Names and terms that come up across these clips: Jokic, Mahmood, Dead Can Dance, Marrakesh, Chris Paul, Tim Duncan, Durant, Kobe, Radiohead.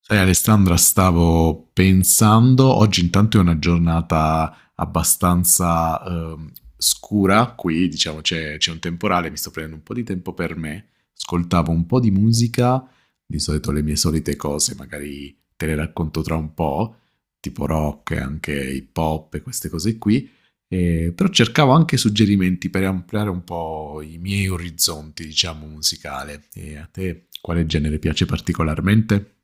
Sai Alessandra, stavo pensando, oggi intanto è una giornata abbastanza scura, qui diciamo c'è un temporale, mi sto prendendo un po' di tempo per me, ascoltavo un po' di musica, di solito le mie solite cose, magari te le racconto tra un po', tipo rock e anche hip hop e queste cose qui, però cercavo anche suggerimenti per ampliare un po' i miei orizzonti, diciamo, musicale. E a te quale genere piace particolarmente?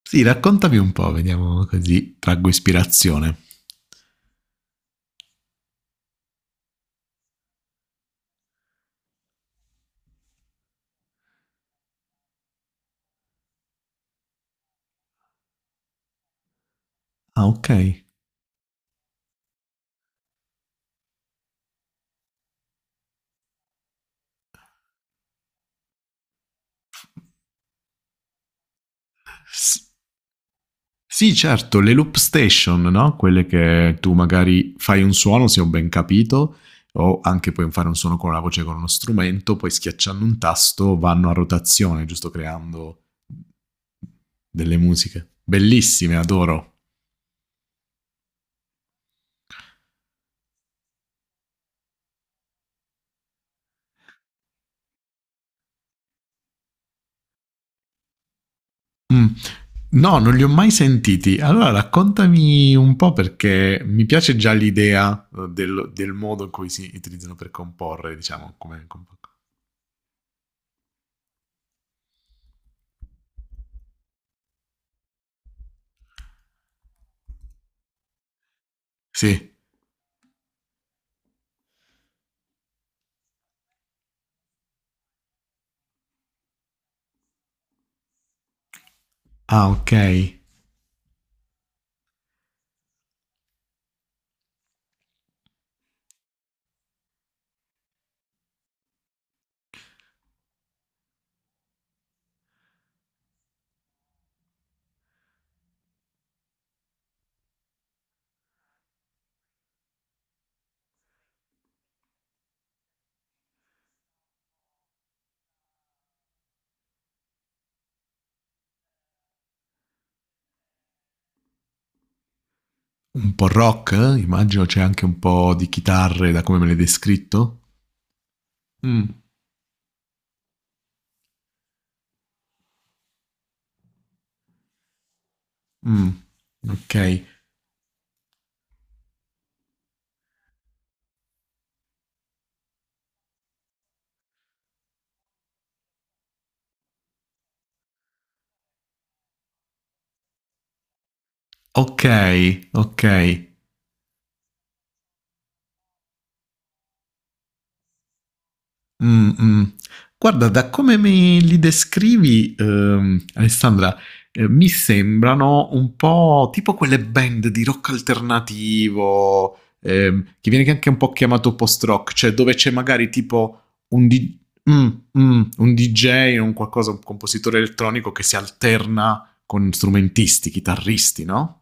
Sì, raccontami un po', vediamo così traggo ispirazione. Ah, ok. S- sì, certo, le loop station, no? Quelle che tu magari fai un suono, se ho ben capito, o anche puoi fare un suono con la voce con uno strumento, poi schiacciando un tasto vanno a rotazione, giusto creando delle musiche. Bellissime, adoro. Mm. No, non li ho mai sentiti. Allora raccontami un po' perché mi piace già l'idea del, del modo in cui si utilizzano per comporre, diciamo, come... Sì. Ah, ok. Un po' rock, eh? Immagino c'è anche un po' di chitarre da come me l'hai descritto. Mm, mm. Ok, ok, ok. Mm, mm. Guarda, da come me li descrivi, Alessandra, mi sembrano un po' tipo quelle band di rock alternativo, che viene anche un po' chiamato post-rock, cioè dove c'è magari tipo un, di- mm, un DJ, un qualcosa, un compositore elettronico che si alterna con strumentisti, chitarristi, no?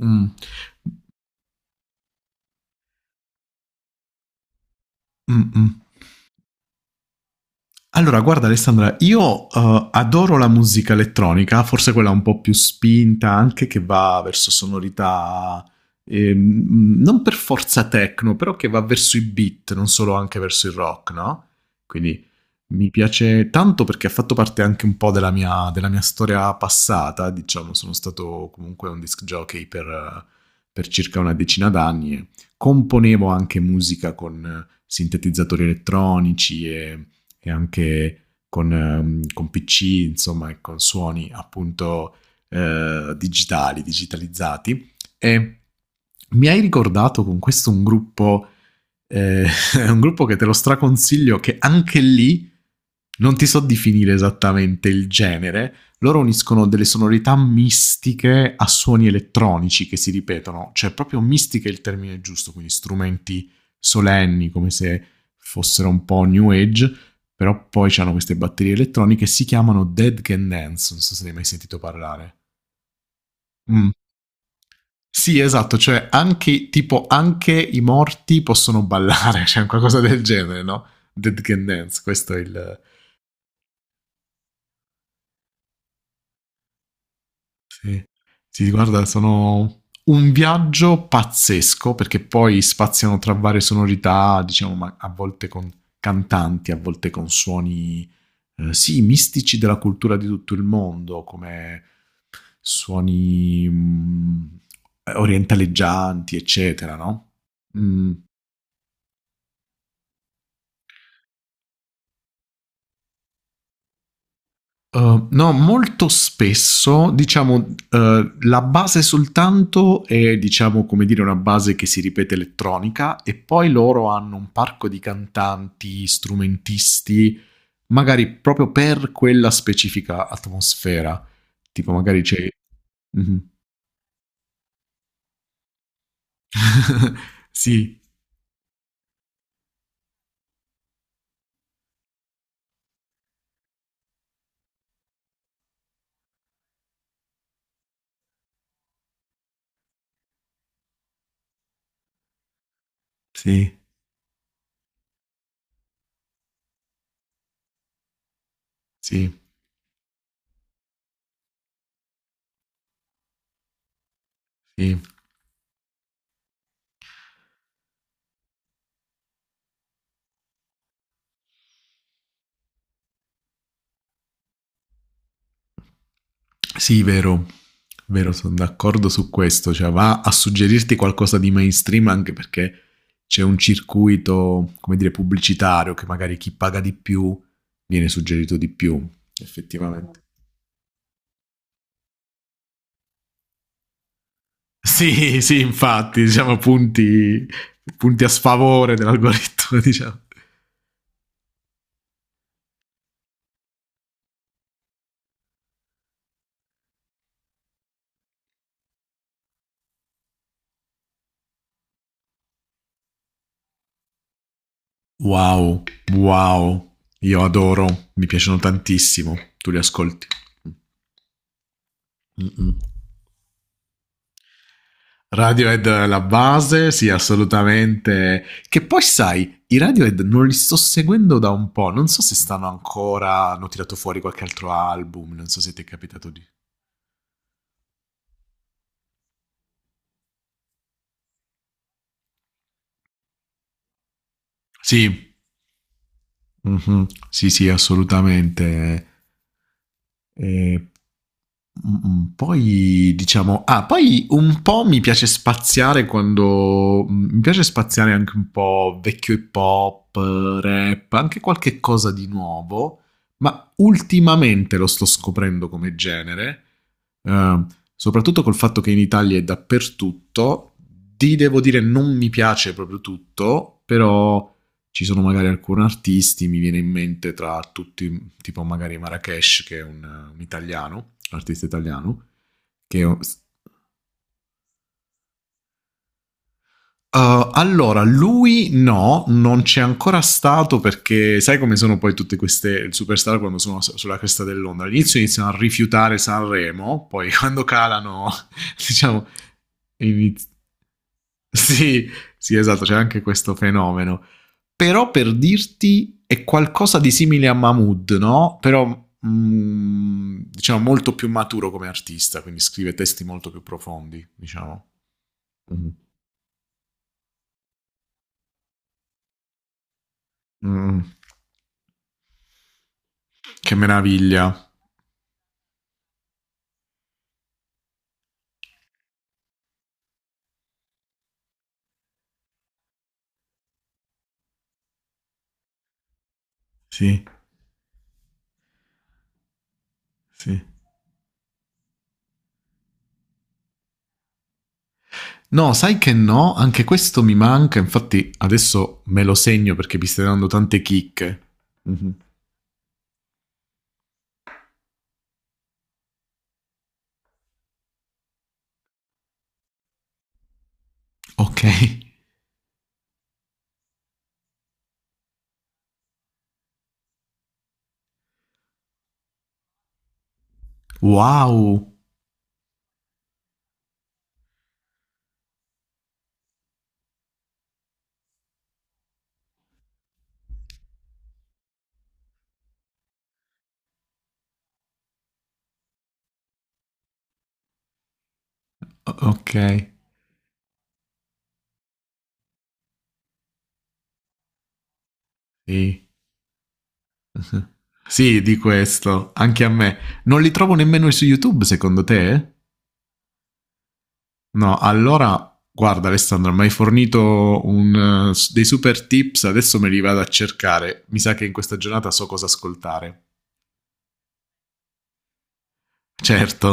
Mm, mm, mm. Allora, guarda Alessandra, io adoro la musica elettronica, forse quella un po' più spinta, anche che va verso sonorità non per forza techno, però che va verso i beat, non solo anche verso il rock, no? Quindi mi piace tanto perché ha fatto parte anche un po' della mia storia passata, diciamo, sono stato comunque un disc jockey per circa una decina d'anni e componevo anche musica con sintetizzatori elettronici e anche con PC, insomma, e con suoni appunto digitali, digitalizzati. E mi hai ricordato con questo un gruppo, eh, un gruppo che te lo straconsiglio, che anche lì non ti so definire esattamente il genere. Loro uniscono delle sonorità mistiche a suoni elettronici che si ripetono, cioè proprio mistiche è il termine giusto, quindi strumenti solenni come se fossero un po' new age però poi c'hanno queste batterie elettroniche, si chiamano Dead Can Dance, non so se ne hai mai sentito parlare. Mm. Sì, esatto, cioè anche, tipo, anche i morti possono ballare, cioè qualcosa del genere, no? Dead Can Dance, questo è il... Sì, sì guarda, sono un viaggio pazzesco perché poi spaziano tra varie sonorità, diciamo, ma a volte con cantanti, a volte con suoni sì, mistici della cultura di tutto il mondo, come suoni orientaleggianti, eccetera, no? Mm. No, molto spesso, diciamo, la base soltanto è, diciamo, come dire, una base che si ripete elettronica e poi loro hanno un parco di cantanti, strumentisti, magari proprio per quella specifica atmosfera. Tipo, magari c'è... Mhm. Sì, sì, sì, sì. Sì, vero, vero, sono d'accordo su questo, cioè va a suggerirti qualcosa di mainstream anche perché c'è un circuito, come dire, pubblicitario che magari chi paga di più viene suggerito di più, effettivamente. Sì, sì, infatti, diciamo punti a sfavore dell'algoritmo, diciamo. Wow, wow, io adoro, mi piacciono tantissimo, tu li ascolti. Mm-mm. Radiohead la base, sì, assolutamente. Che poi sai, i Radiohead non li sto seguendo da un po', non so se stanno ancora, hanno tirato fuori qualche altro album, non so se ti è capitato di... Sì, mhm. Sì, sì, assolutamente. E- Poi diciamo, ah, poi un po' mi piace spaziare quando mi piace spaziare anche un po' vecchio hip hop, rap, anche qualche cosa di nuovo, ma ultimamente lo sto scoprendo come genere, eh, soprattutto col fatto che in Italia è dappertutto. Ti devo dire, non mi piace proprio tutto, però. Ci sono magari alcuni artisti, mi viene in mente tra tutti, tipo magari Marrakesh, che è un italiano, un artista italiano, che allora, lui no, non c'è ancora stato perché sai come sono poi tutte queste superstar quando sono sulla cresta dell'onda. All'inizio iniziano a rifiutare Sanremo, poi quando calano, diciamo, iniz- sì, sì, esatto, c'è anche questo fenomeno. Però per dirti è qualcosa di simile a Mahmood, no? Però diciamo molto più maturo come artista, quindi scrive testi molto più profondi, diciamo. Mm. Mm. Che meraviglia. Sì, sì. No, sai che no, anche questo mi manca, infatti adesso me lo segno perché mi stai dando tante chicche. Mhm. Ok. Wow. O- Ok. Sì. Uh-huh. Sì, di questo, anche a me. Non li trovo nemmeno su YouTube, secondo te? No, allora, guarda Alessandro, mi hai fornito dei super tips, adesso me li vado a cercare. Mi sa che in questa giornata so cosa ascoltare. Certo.